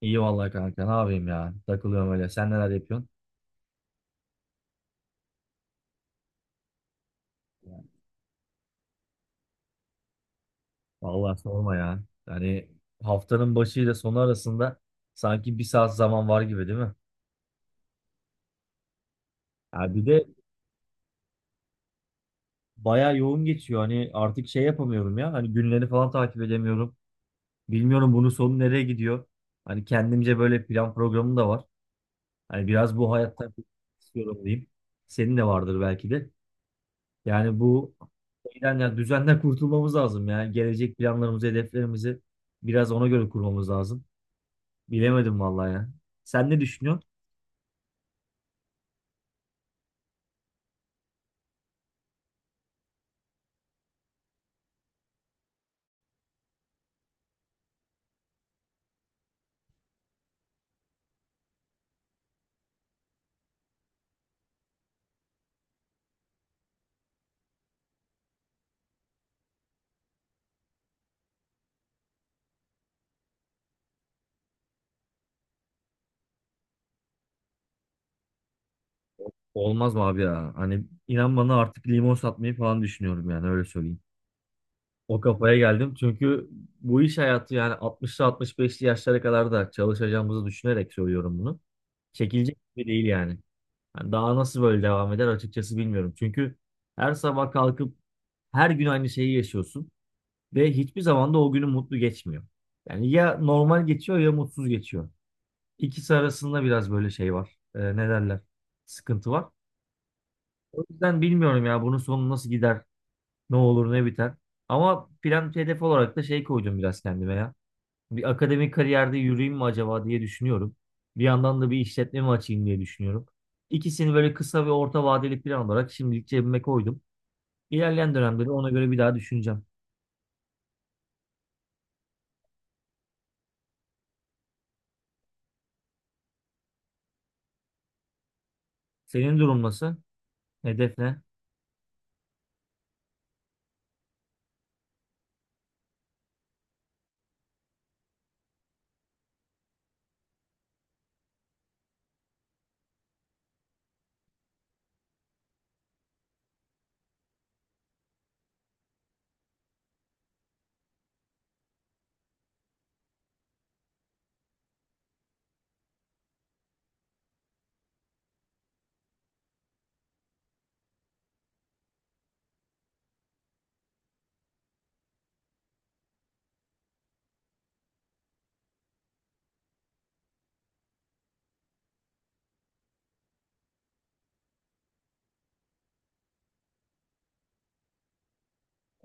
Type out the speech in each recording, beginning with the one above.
İyi vallahi kanka ne yapayım ya takılıyorum öyle sen neler yapıyorsun? Vallahi sorma ya yani haftanın başı ile sonu arasında sanki bir saat zaman var gibi değil mi? Ya bir de bayağı yoğun geçiyor hani artık şey yapamıyorum ya hani günleri falan takip edemiyorum bilmiyorum bunun sonu nereye gidiyor hani kendimce böyle plan programım da var hani biraz bu hayattan istiyorum diyeyim senin de vardır belki de. Yani bu şeyden ya düzenden kurtulmamız lazım ya. Gelecek planlarımızı, hedeflerimizi biraz ona göre kurmamız lazım. Bilemedim vallahi ya. Sen ne düşünüyorsun? Olmaz mı abi ya? Hani inan bana artık limon satmayı falan düşünüyorum yani öyle söyleyeyim. O kafaya geldim çünkü bu iş hayatı yani 60'lı 65'li yaşlara kadar da çalışacağımızı düşünerek söylüyorum bunu. Çekilecek gibi değil yani. Yani daha nasıl böyle devam eder açıkçası bilmiyorum. Çünkü her sabah kalkıp her gün aynı şeyi yaşıyorsun. Ve hiçbir zaman da o günü mutlu geçmiyor. Yani ya normal geçiyor ya mutsuz geçiyor. İkisi arasında biraz böyle şey var. Ne derler? Sıkıntı var. O yüzden bilmiyorum ya bunun sonu nasıl gider, ne olur ne biter. Ama plan hedef olarak da şey koydum biraz kendime ya. Bir akademik kariyerde yürüyeyim mi acaba diye düşünüyorum. Bir yandan da bir işletme mi açayım diye düşünüyorum. İkisini böyle kısa ve orta vadeli plan olarak şimdilik cebime koydum. İlerleyen dönemde de ona göre bir daha düşüneceğim. Senin durum nasıl? Hedef ne?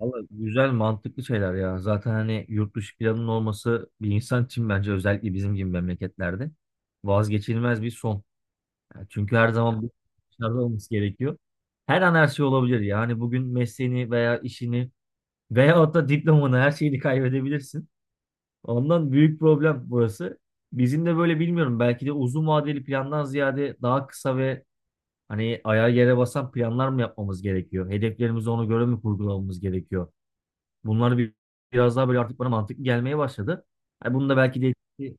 Valla güzel mantıklı şeyler ya. Zaten hani yurt dışı planının olması bir insan için bence özellikle bizim gibi memleketlerde vazgeçilmez bir son. Yani çünkü her zaman bir dışarıda olması gerekiyor. Her an her şey olabilir. Yani bugün mesleğini veya işini veyahut da diplomanı her şeyini kaybedebilirsin. Ondan büyük problem burası. Bizim de böyle bilmiyorum belki de uzun vadeli plandan ziyade daha kısa ve hani ayağa yere basan planlar mı yapmamız gerekiyor? Hedeflerimizi ona göre mi kurgulamamız gerekiyor? Bunlar bir, biraz daha böyle artık bana mantıklı gelmeye başladı. Hani bunu da belki de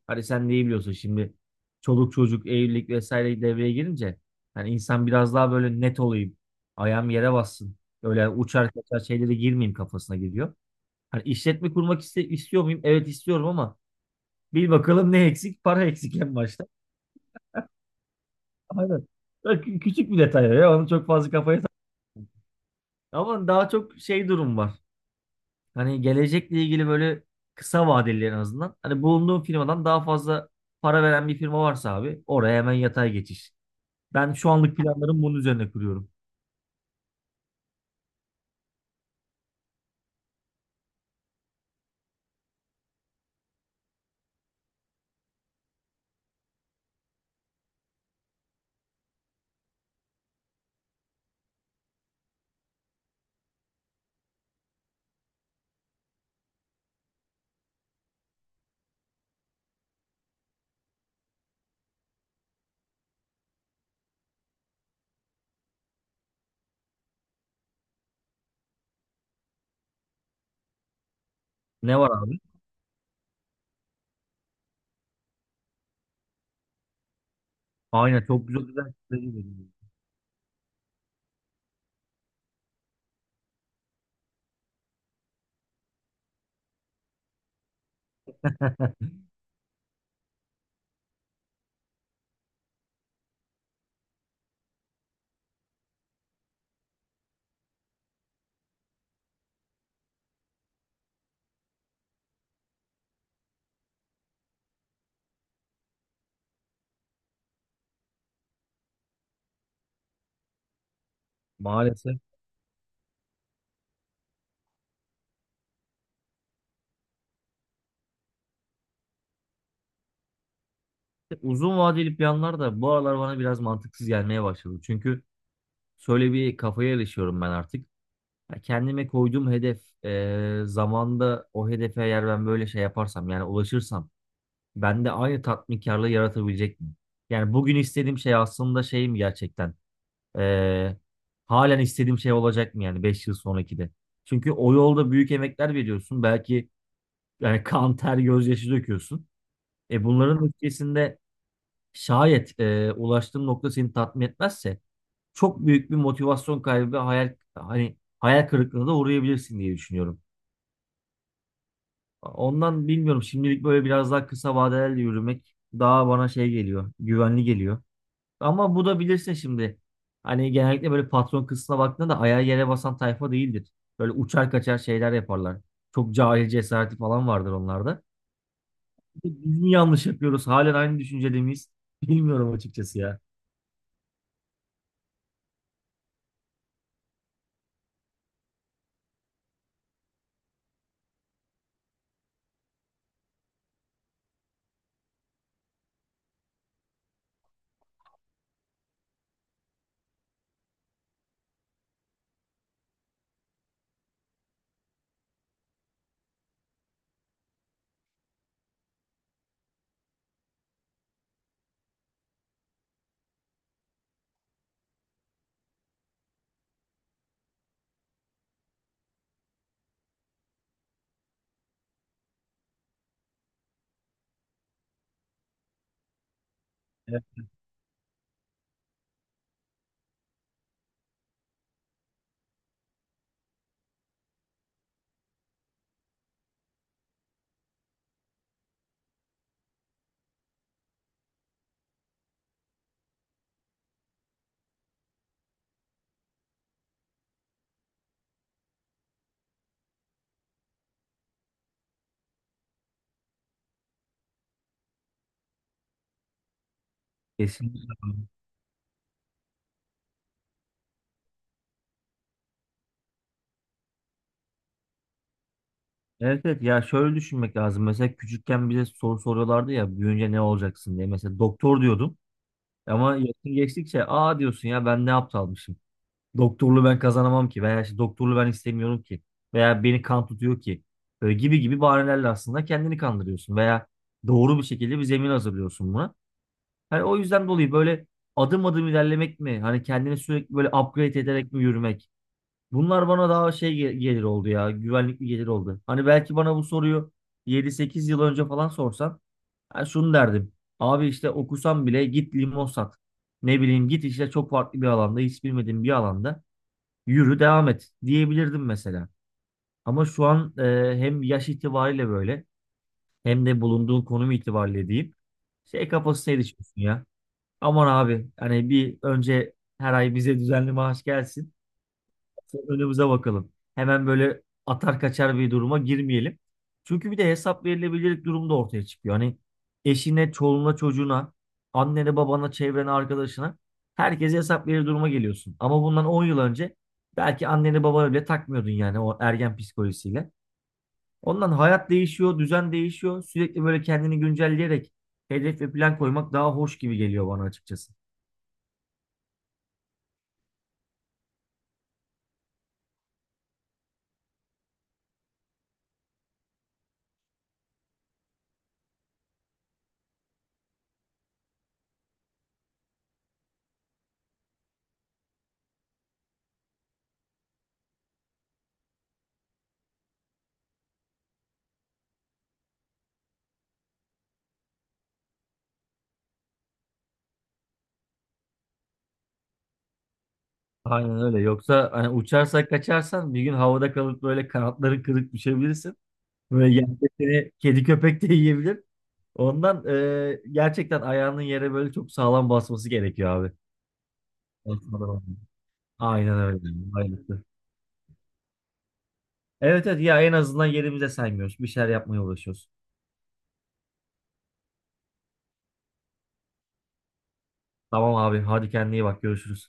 hani sen de iyi biliyorsun şimdi çoluk çocuk evlilik vesaire devreye girince hani insan biraz daha böyle net olayım. Ayağım yere bassın. Öyle uçar kaçar şeylere girmeyeyim kafasına geliyor. Hani işletme kurmak istiyor muyum? Evet istiyorum ama bil bakalım ne eksik? Para eksik en başta. Aynen. Bak, küçük bir detay ya. Onu çok fazla kafaya tak. Ama daha çok şey durum var. Hani gelecekle ilgili böyle kısa vadeli en azından. Hani bulunduğum firmadan daha fazla para veren bir firma varsa abi oraya hemen yatay geçiş. Ben şu anlık planlarım bunun üzerine kuruyorum. Ne var abi? Aynen, çok güzel güzel fikirlerim var. Maalesef. Uzun vadeli planlar da bu aralar bana biraz mantıksız gelmeye başladı. Çünkü şöyle bir kafaya erişiyorum ben artık. Ya kendime koyduğum hedef, zamanda o hedefe eğer ben böyle şey yaparsam yani ulaşırsam bende aynı tatminkarlığı yaratabilecek mi? Yani bugün istediğim şey aslında şey mi gerçekten? Ee, halen istediğim şey olacak mı yani 5 yıl sonraki de? Çünkü o yolda büyük emekler veriyorsun. Belki yani kan, ter, gözyaşı döküyorsun. Bunların ötesinde şayet ulaştığın nokta seni tatmin etmezse çok büyük bir motivasyon kaybı ve hayal kırıklığına da uğrayabilirsin diye düşünüyorum. Ondan bilmiyorum şimdilik böyle biraz daha kısa vadelerle yürümek daha bana şey geliyor, güvenli geliyor. Ama bu da bilirsin şimdi. Hani genellikle böyle patron kısmına baktığında da ayağı yere basan tayfa değildir. Böyle uçar kaçar şeyler yaparlar. Çok cahil cesareti falan vardır onlarda. Biz mi yanlış yapıyoruz? Halen aynı düşüncede miyiz? Bilmiyorum açıkçası ya. Evet. Kesinlikle. Evet, evet, ya şöyle düşünmek lazım. Mesela küçükken bize soru soruyorlardı ya büyüyünce ne olacaksın diye. Mesela doktor diyordum. Ama yaşın geçtikçe aa diyorsun ya ben ne aptalmışım. Doktorluğu ben kazanamam ki veya işte doktorluğu ben istemiyorum ki veya beni kan tutuyor ki böyle gibi gibi bahanelerle aslında kendini kandırıyorsun veya doğru bir şekilde bir zemin hazırlıyorsun buna. Hani o yüzden dolayı böyle adım adım ilerlemek mi hani kendini sürekli böyle upgrade ederek mi yürümek bunlar bana daha şey gelir oldu ya güvenlik bir gelir oldu. Hani belki bana bu soruyu 7-8 yıl önce falan sorsan ben şunu derdim. Abi işte okusam bile git limon sat. Ne bileyim git işte çok farklı bir alanda hiç bilmediğim bir alanda yürü devam et diyebilirdim mesela. Ama şu an hem yaş itibariyle böyle hem de bulunduğun konum itibariyle diyeyim şey kafasına erişiyorsun ya. Aman abi hani bir önce her ay bize düzenli maaş gelsin önümüze bakalım. Hemen böyle atar kaçar bir duruma girmeyelim. Çünkü bir de hesap verilebilirlik durumu da ortaya çıkıyor. Hani eşine, çoluğuna, çocuğuna, annene, babana, çevrene, arkadaşına herkese hesap verir duruma geliyorsun. Ama bundan 10 yıl önce belki anneni babana bile takmıyordun yani o ergen psikolojisiyle. Ondan hayat değişiyor, düzen değişiyor. Sürekli böyle kendini güncelleyerek hedef ve plan koymak daha hoş gibi geliyor bana açıkçası. Aynen öyle. Yoksa hani uçarsak kaçarsan bir gün havada kalıp böyle kanatların kırık düşebilirsin. Böyle yerde seni kedi köpek de yiyebilir. Ondan gerçekten ayağının yere böyle çok sağlam basması gerekiyor abi. Basmadan olmuyor. Aynen öyle. Aynen. Evet, evet, ya en azından yerimize saymıyoruz. Bir şeyler yapmaya uğraşıyoruz. Tamam abi hadi kendine iyi bak görüşürüz.